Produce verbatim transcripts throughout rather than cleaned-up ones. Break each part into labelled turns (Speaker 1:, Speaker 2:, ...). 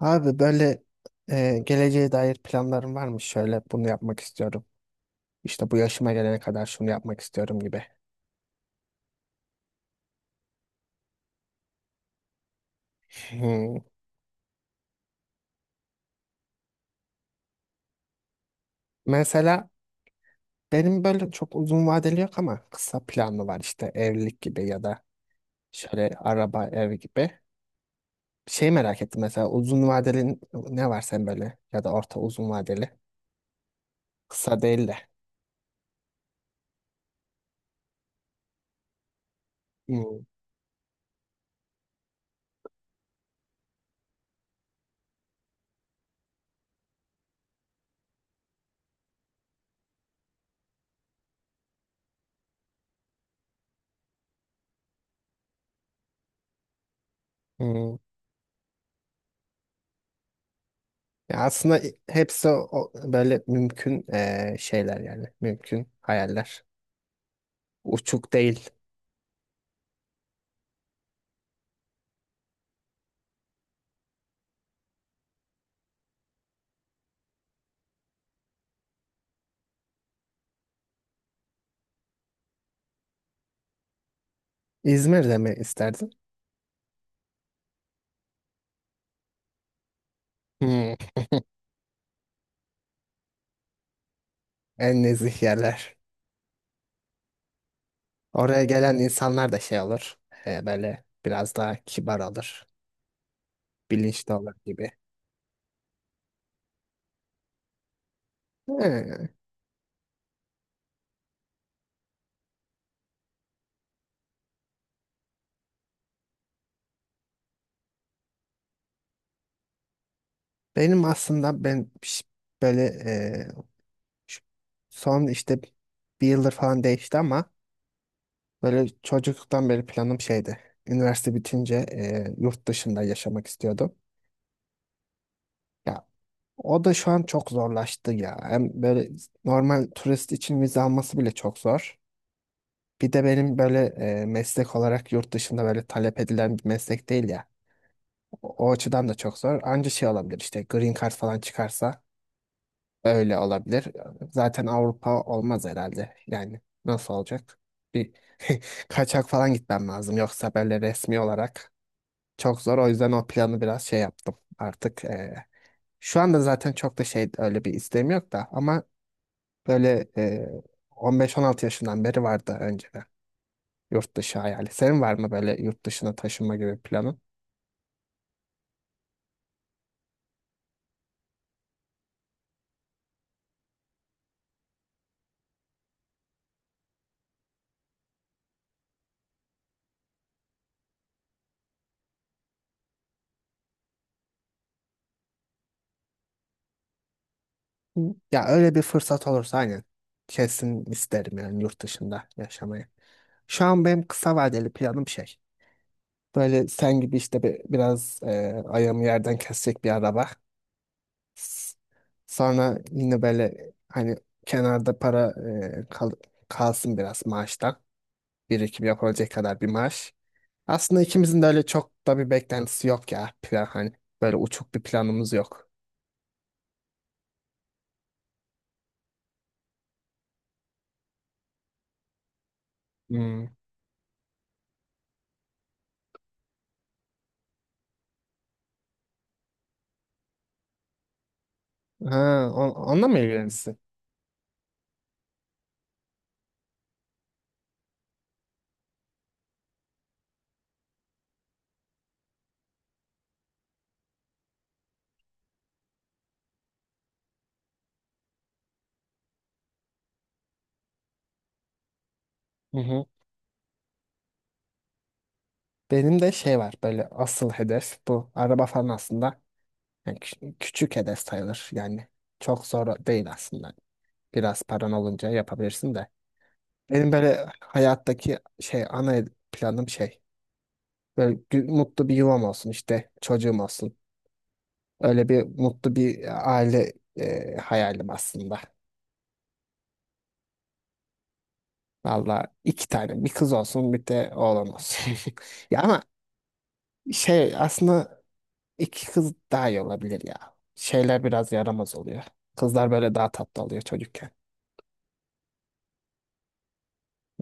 Speaker 1: Abi böyle e, geleceğe dair planlarım var mı? Şöyle bunu yapmak istiyorum. İşte bu yaşıma gelene kadar şunu yapmak istiyorum gibi. Hmm. Mesela benim böyle çok uzun vadeli yok ama kısa planlı var işte evlilik gibi ya da şöyle araba ev gibi. Şey merak ettim mesela uzun vadeli ne var sen böyle ya da orta uzun vadeli kısa değil de. Hmm. Hmm. Ya aslında hepsi o- böyle mümkün e, şeyler yani mümkün hayaller. Uçuk değil. İzmir'de mi isterdin? Hmm, en nezih yerler. Oraya gelen insanlar da şey olur. E, böyle biraz daha kibar olur. Bilinçli olur gibi. He, benim aslında ben ş- böyle e, ş- son işte bir yıldır falan değişti ama böyle çocukluktan beri planım şeydi. Üniversite bitince e, yurt dışında yaşamak istiyordum. Ya o da şu an çok zorlaştı ya. Hem böyle normal turist için vize alması bile çok zor. Bir de benim böyle e, meslek olarak yurt dışında böyle talep edilen bir meslek değil ya. O, o açıdan da çok zor. Anca şey olabilir işte green card falan çıkarsa öyle olabilir. Zaten Avrupa olmaz herhalde. Yani nasıl olacak? Bir kaçak falan gitmem lazım. Yoksa böyle resmi olarak çok zor. O yüzden o planı biraz şey yaptım artık. E, şu anda zaten çok da şey öyle bir isteğim yok da ama böyle e, on beş on altı yaşından beri vardı önceden. Yurt dışı hayali. Senin var mı böyle yurt dışına taşınma gibi planın? Hı. Ya öyle bir fırsat olursa aynen. Kesin isterim yani yurt dışında yaşamayı. Şu an benim kısa vadeli planım şey. Böyle sen gibi işte bir, biraz e, ayağımı yerden kesecek bir araba. S- Sonra yine böyle hani kenarda para e, kal- kalsın biraz maaştan. Birikim yapabilecek kadar bir maaş. Aslında ikimizin de öyle çok da bir beklentisi yok ya. Plan hani böyle uçuk bir planımız yok. Hmm. Ha, on, onunla mı ilgilenirsin? Hı hı. Benim de şey var böyle asıl hedef bu. Araba falan aslında yani küç- küçük hedef sayılır yani. Çok zor değil aslında. Biraz paran olunca yapabilirsin de. Benim böyle hayattaki şey ana planım şey. Böyle gü- mutlu bir yuvam olsun işte çocuğum olsun. Öyle bir mutlu bir aile e, hayalim aslında. Valla iki tane bir kız olsun bir de oğlan olsun. Ya ama şey aslında iki kız daha iyi olabilir ya. Şeyler biraz yaramaz oluyor. Kızlar böyle daha tatlı oluyor çocukken.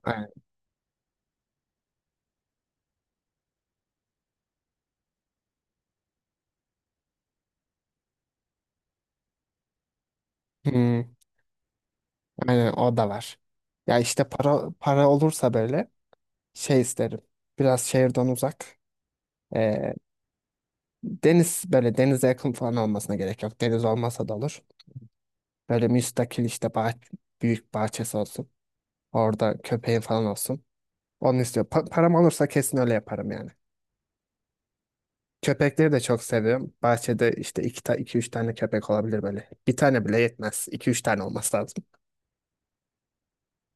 Speaker 1: Aynen. Hmm, aynen o da var. Ya işte para para olursa böyle şey isterim. Biraz şehirden uzak. Deniz böyle denize yakın falan olmasına gerek yok. Deniz olmasa da olur. Böyle müstakil işte bah büyük bahçesi olsun. Orada köpeğin falan olsun. Onu istiyor. Pa- param olursa kesin öyle yaparım yani. Köpekleri de çok seviyorum. Bahçede işte iki, ta iki üç tane köpek olabilir böyle. Bir tane bile yetmez. İki üç tane olması lazım.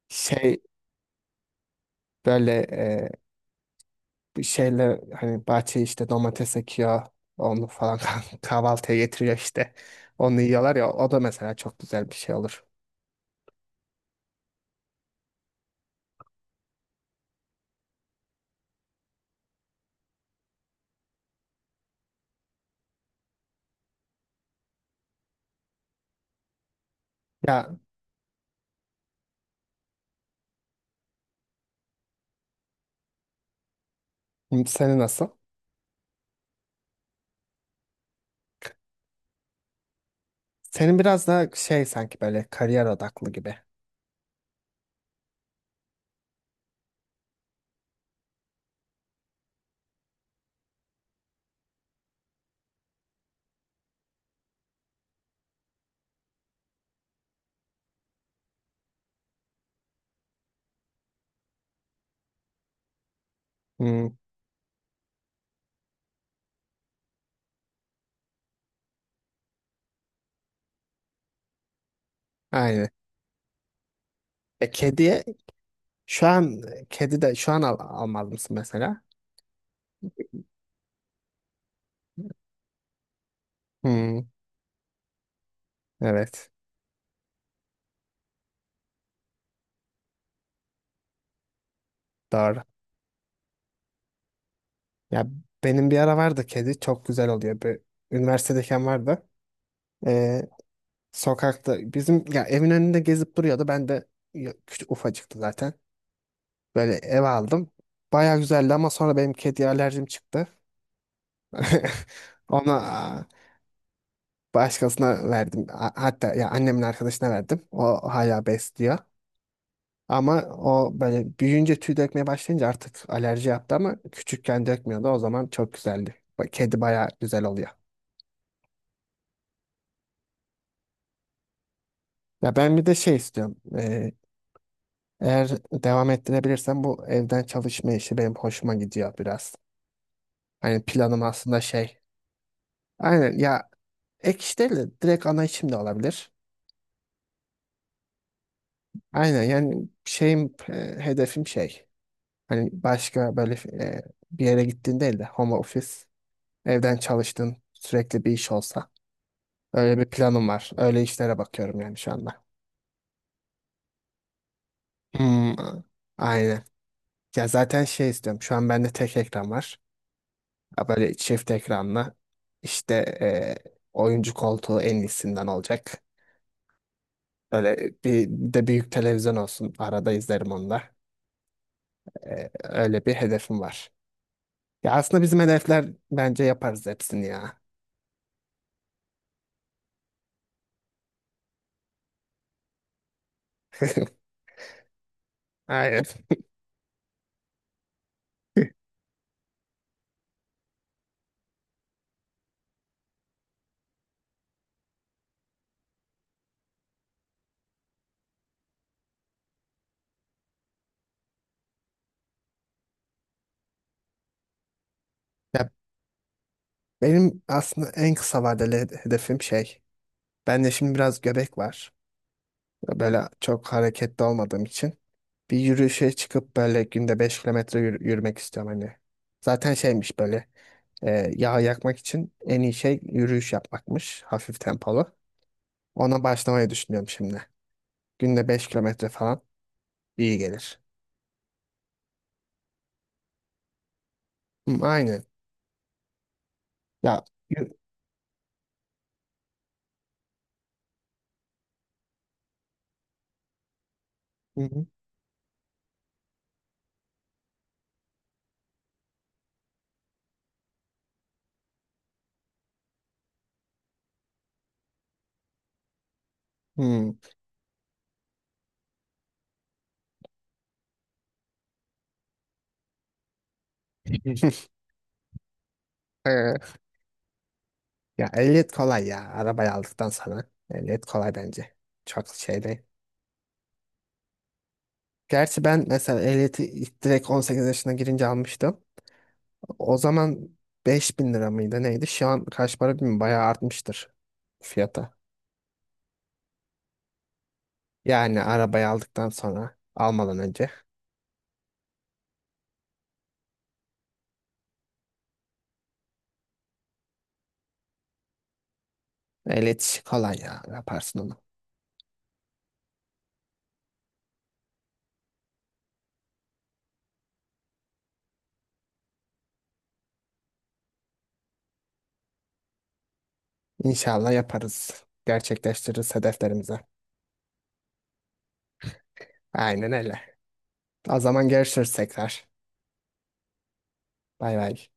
Speaker 1: Şey böyle bir şeyle hani bahçeye işte domates ekiyor. Onu falan kahvaltıya getiriyor işte. Onu yiyorlar ya o da mesela çok güzel bir şey olur. Ya seni nasıl? Senin biraz daha şey sanki böyle kariyer odaklı gibi. Hmm, aynen. E, kediye şu an kedi de şu an al, almaz mısın mesela? Hmm, evet. Doğru. Ya benim bir ara vardı kedi çok güzel oluyor. Bir, üniversitedeyken vardı. Ee, Sokakta bizim ya evin önünde gezip duruyordu. Ben de ya, küçük ufacıktı zaten. Böyle eve aldım. Baya güzeldi ama sonra benim kediye alerjim çıktı. Ona aa, başkasına verdim. A- Hatta ya annemin arkadaşına verdim. O hala besliyor. Ama o böyle büyüyünce tüy dökmeye başlayınca artık alerji yaptı ama küçükken dökmüyordu. O zaman çok güzeldi. Ba- Kedi baya güzel oluyor. Ya ben bir de şey istiyorum. Ee, eğer devam ettirebilirsem bu evden çalışma işi benim hoşuma gidiyor biraz. Hani planım aslında şey. Aynen ya ek iş değil de direkt ana işim de olabilir. Aynen yani şeyim e, hedefim şey. Hani başka böyle e, bir yere gittiğin değil de home office evden çalıştığın sürekli bir iş olsa. Öyle bir planım var. Öyle işlere bakıyorum yani şu anda. Hmm, aynen. Ya zaten şey istiyorum. Şu an bende tek ekran var. Ya böyle çift ekranlı işte e, oyuncu koltuğu en iyisinden olacak. Böyle bir de büyük televizyon olsun. Arada izlerim onu da. E, öyle bir hedefim var. Ya aslında bizim hedefler bence yaparız hepsini ya. Aynen. Ya benim aslında en kısa vadeli hed- hedefim şey. Bende şimdi biraz göbek var. Böyle çok hareketli olmadığım için. Bir yürüyüşe çıkıp böyle günde beş kilometre yürü- yürümek istiyorum hani. Zaten şeymiş böyle. Ee, yağ yakmak için en iyi şey yürüyüş yapmakmış. Hafif tempolu. Ona başlamayı düşünüyorum şimdi. Günde beş kilometre falan iyi gelir. Hı, aynen. Ya yü- Hı hı. Hı. Ee, Ya ehliyet kolay ya. Arabayı aldıktan sonra ehliyet kolay bence. Çok şey değil. Gerçi ben mesela ehliyeti ilk direkt on sekiz yaşına girince almıştım. O zaman beş bin lira mıydı neydi? Şu an kaç para bilmiyorum. Bayağı artmıştır fiyata. Yani arabayı aldıktan sonra almadan önce. El iletişi kolay ya. Yaparsın onu. İnşallah yaparız. Gerçekleştiririz hedeflerimizi. Aynen öyle. O zaman görüşürüz tekrar. Bay bay.